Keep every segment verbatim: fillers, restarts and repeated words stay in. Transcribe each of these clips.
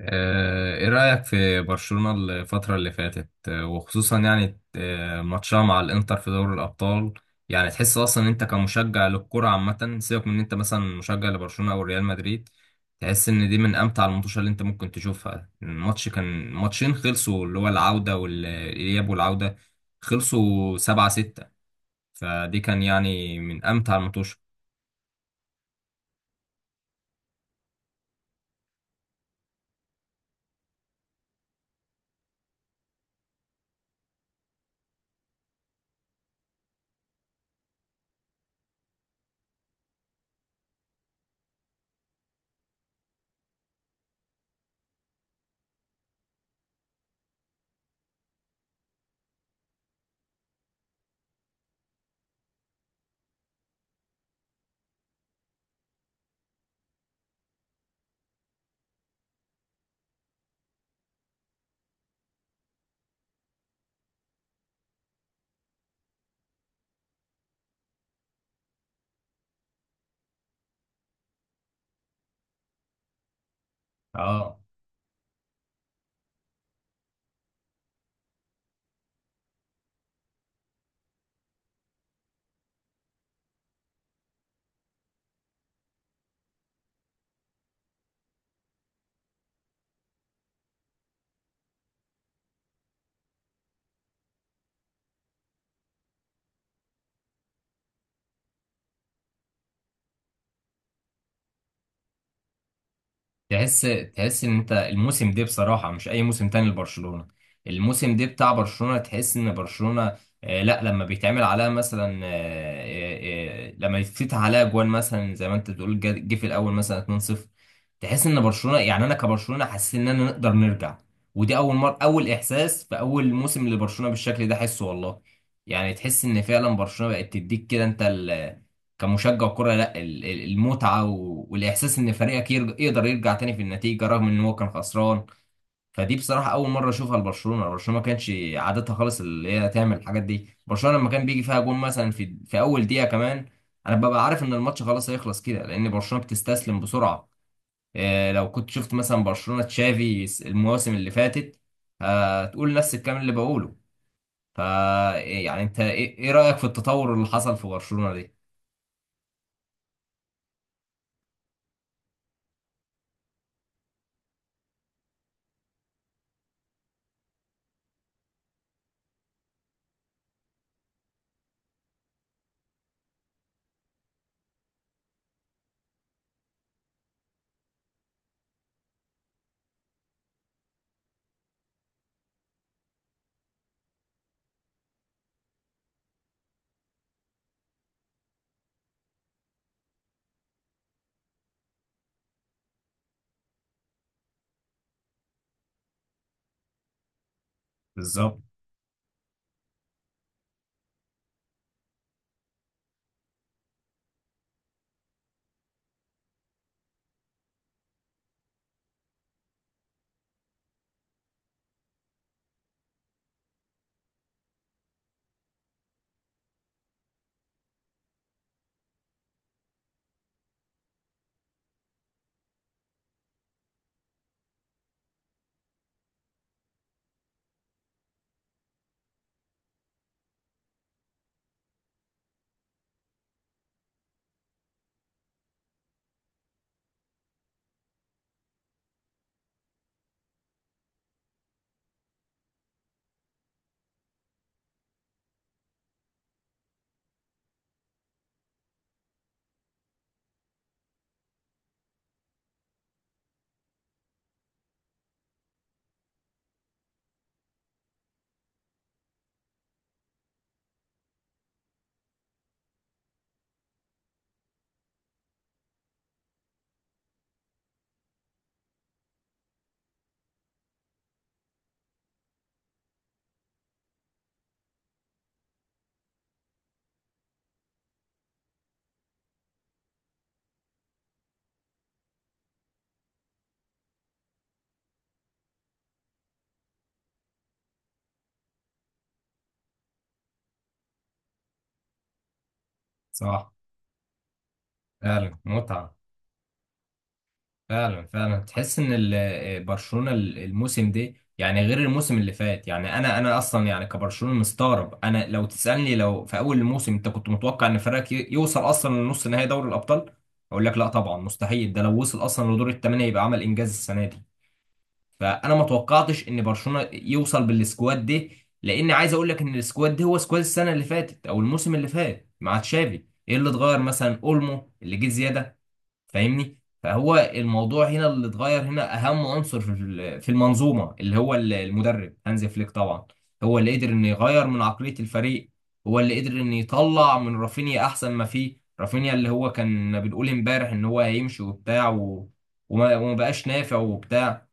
آه، ايه رأيك في برشلونة الفترة اللي فاتت، آه، وخصوصا يعني آه، ماتشها مع الانتر في دوري الأبطال. يعني تحس اصلا إن انت كمشجع للكرة عامة، سيبك من ان انت مثلا مشجع لبرشلونة او ريال مدريد، تحس ان دي من امتع الماتشات اللي انت ممكن تشوفها. الماتش كان ماتشين خلصوا اللي هو العودة والإياب والعودة، خلصوا سبعة ستة. فدي كان يعني من امتع الماتشات. اه. تحس تحس ان انت الموسم ده بصراحه مش اي موسم تاني لبرشلونه. الموسم ده بتاع برشلونه تحس ان برشلونه، آه، لا لما بيتعمل عليها مثلا، آه، آه، آه، لما يتفتح عليها جوان مثلا زي ما انت بتقول جا- جه في الاول مثلا اتنين صفر، تحس ان برشلونه، يعني انا كبرشلونه حاسس ان انا نقدر نرجع. ودي اول مره، اول احساس في اول موسم لبرشلونه بالشكل ده حسه والله. يعني تحس ان فعلا برشلونه بقت تديك كده انت كمشجع كرة لا ال- ال- المتعة و- والإحساس إن فريقك يرج- يقدر يرجع تاني في النتيجة رغم إن هو كان خسران. فدي بصراحة أول مرة أشوفها لبرشلونة. برشلونة ما كانش عادتها خالص اللي هي تعمل الحاجات دي. برشلونة لما كان بيجي فيها جون مثلا في في أول دقيقة كمان، أنا ببقى عارف إن الماتش خلاص هيخلص كده لأن برشلونة بتستسلم بسرعة. إيه، لو كنت شفت مثلا برشلونة تشافي المواسم اللي فاتت، هتقول نفس الكلام اللي بقوله. فا يعني أنت إيه إيه رأيك في التطور اللي حصل في برشلونة دي؟ بالظبط. صح. فعلا متعة. فعلا فعلا تحس ان ال- آه، برشلونة ال- الموسم ده يعني غير الموسم اللي فات. يعني انا انا اصلا يعني كبرشلونة مستغرب. انا لو تسألني لو في اول الموسم انت كنت متوقع ان فريقك ي- يوصل اصلا لنص نهائي دوري الابطال، اقول لك لا طبعا مستحيل. ده لو وصل اصلا لدور الثمانية يبقى عمل انجاز السنة دي. فانا ما توقعتش ان برشلونة يوصل بالسكواد ده، لان عايز اقول لك ان السكواد ده هو سكواد السنة اللي فاتت او الموسم اللي فات مع تشافي. ايه اللي اتغير؟ مثلا اولمو اللي جه زيادة، فاهمني؟ فهو الموضوع هنا اللي اتغير هنا اهم عنصر في ال- في المنظومه اللي هو ال- المدرب هانز فليك طبعا. هو اللي قدر انه يغير من عقليه الفريق. هو اللي قدر انه يطلع من رافينيا احسن ما فيه. رافينيا اللي هو كان بنقول امبارح ان هو هيمشي وبتاع و... وما... وما بقاش نافع وبتاع.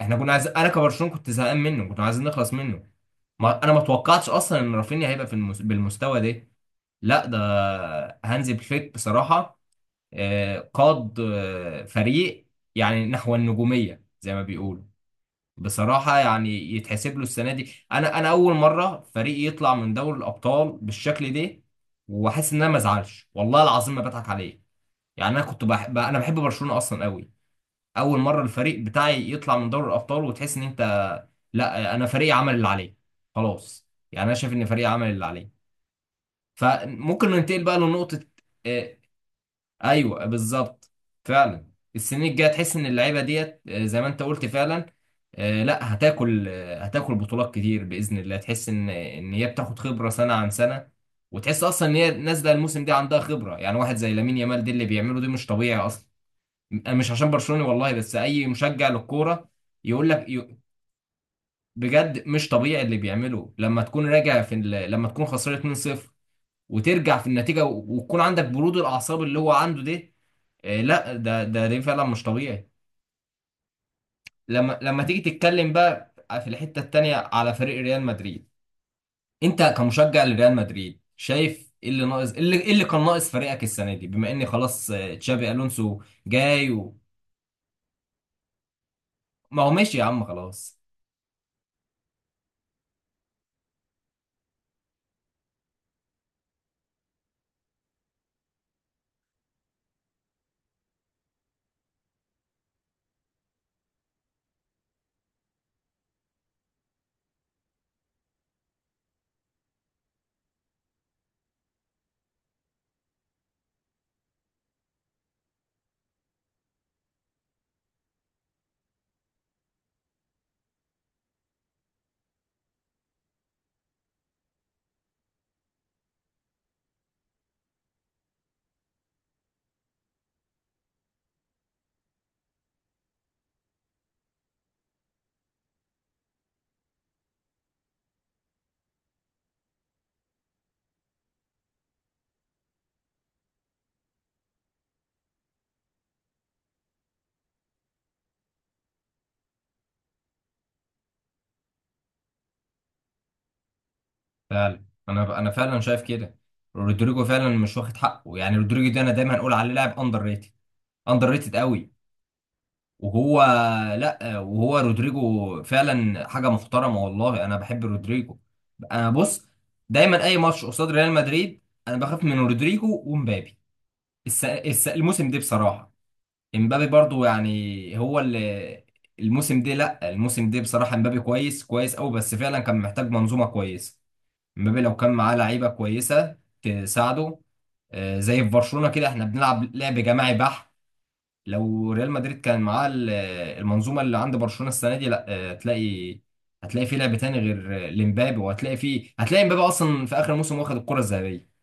احنا كنا عايزين، انا كبرشلونه كنت زهقان منه، كنا عايزين نخلص منه. ما... انا ما توقعتش اصلا ان رافينيا هيبقى في المس... بالمستوى ده. لا ده هانز فليك بصراحه، آه، قاد آه، فريق يعني نحو النجومية زي ما بيقولوا. بصراحة يعني يتحسب له السنة دي. أنا أنا أول مرة فريق يطلع من دوري الأبطال بالشكل ده وأحس إن أنا ما أزعلش، والله العظيم ما بضحك عليه. يعني أنا كنت بحب أنا بحب برشلونة أصلا قوي. أول مرة الفريق بتاعي يطلع من دوري الأبطال وتحس إن أنت، لا، أنا فريق عمل اللي عليه. خلاص، يعني أنا شايف إن فريق عمل اللي عليه. فممكن ننتقل بقى لنقطة. آه، ايوه بالظبط، فعلا. السنين الجايه تحس ان اللعيبه ديت، آه، زي ما انت قلت فعلا، آه، لا هتاكل، آه، هتاكل بطولات كتير باذن الله. تحس ان ان هي بتاخد خبره سنه عن سنه. وتحس اصلا ان هي نازله الموسم ده عندها خبره. يعني واحد زي لامين يامال دي اللي بيعمله دي مش طبيعي اصلا. أنا مش عشان برشلوني والله، بس اي مشجع للكوره يقول لك ي- بجد مش طبيعي اللي بيعمله. لما تكون راجع في ال- لما تكون خسران اتنين صفر وترجع في النتيجه و- وتكون عندك برود الاعصاب اللي هو عنده ده، آه، لا ده ده ده فعلا مش طبيعي. لما لما تيجي تتكلم بقى في الحته التانيه على فريق ريال مدريد، انت كمشجع لريال مدريد شايف ايه اللي ناقص، ايه اللي, إيه اللي كان ناقص فريقك السنه دي بما ان خلاص آه، تشابي الونسو جاي و... ما هو ماشي يا عم خلاص. فعلا انا انا فعلا شايف كده. رودريجو فعلا مش واخد حقه. يعني رودريجو ده انا دايما هنقول عليه لاعب اندر ريتد، اندر ريتد قوي. وهو، لا وهو رودريجو فعلا حاجه محترمه والله. انا بحب رودريجو. انا بص، دايما اي ماتش قصاد ريال مدريد انا بخاف من رودريجو ومبابي. الس... الس... الموسم ده بصراحه، امبابي برضو يعني هو اللي، الموسم ده، لا الموسم ده بصراحه امبابي كويس، كويس قوي، بس فعلا كان محتاج منظومه كويسه. امبابي لو كان معاه لعيبه كويسه تساعده، آه، زي في برشلونه كده احنا بنلعب لعب جماعي بحت. لو ريال مدريد كان معاه ال- المنظومه اللي عند برشلونه السنه دي، لا آه، هتلاقي، هتلاقي فيه لعب تاني غير آه، لمبابي، وهتلاقي فيه، هتلاقي مبابي اصلا في اخر الموسم واخد الكره الذهبيه.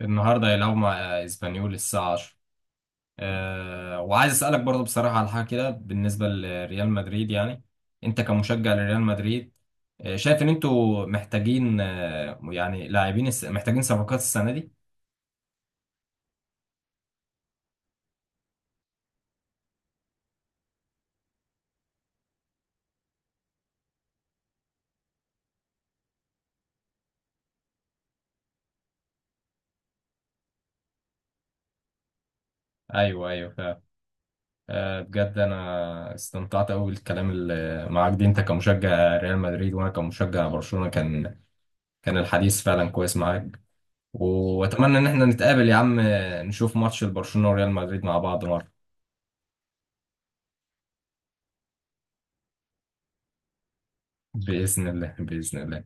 النهارده هيلعبوا مع آه، اسبانيول الساعه عشرة. أه، وعايز اسالك برضو بصراحه على حاجه كده بالنسبه لريال مدريد. يعني انت كمشجع لريال مدريد، آه، شايف ان انتوا محتاجين آه، يعني لاعبين، الس- محتاجين صفقات السنه دي؟ ايوه ايوه. آه، بجد انا استمتعت قوي بالكلام اللي معاك دي. انت كمشجع ريال مدريد وانا كمشجع برشلونة، كان كان الحديث فعلا كويس معاك. واتمنى ان احنا نتقابل يا عم، آه، نشوف ماتش البرشلونة وريال مدريد مع بعض مرة. بإذن الله، بإذن الله.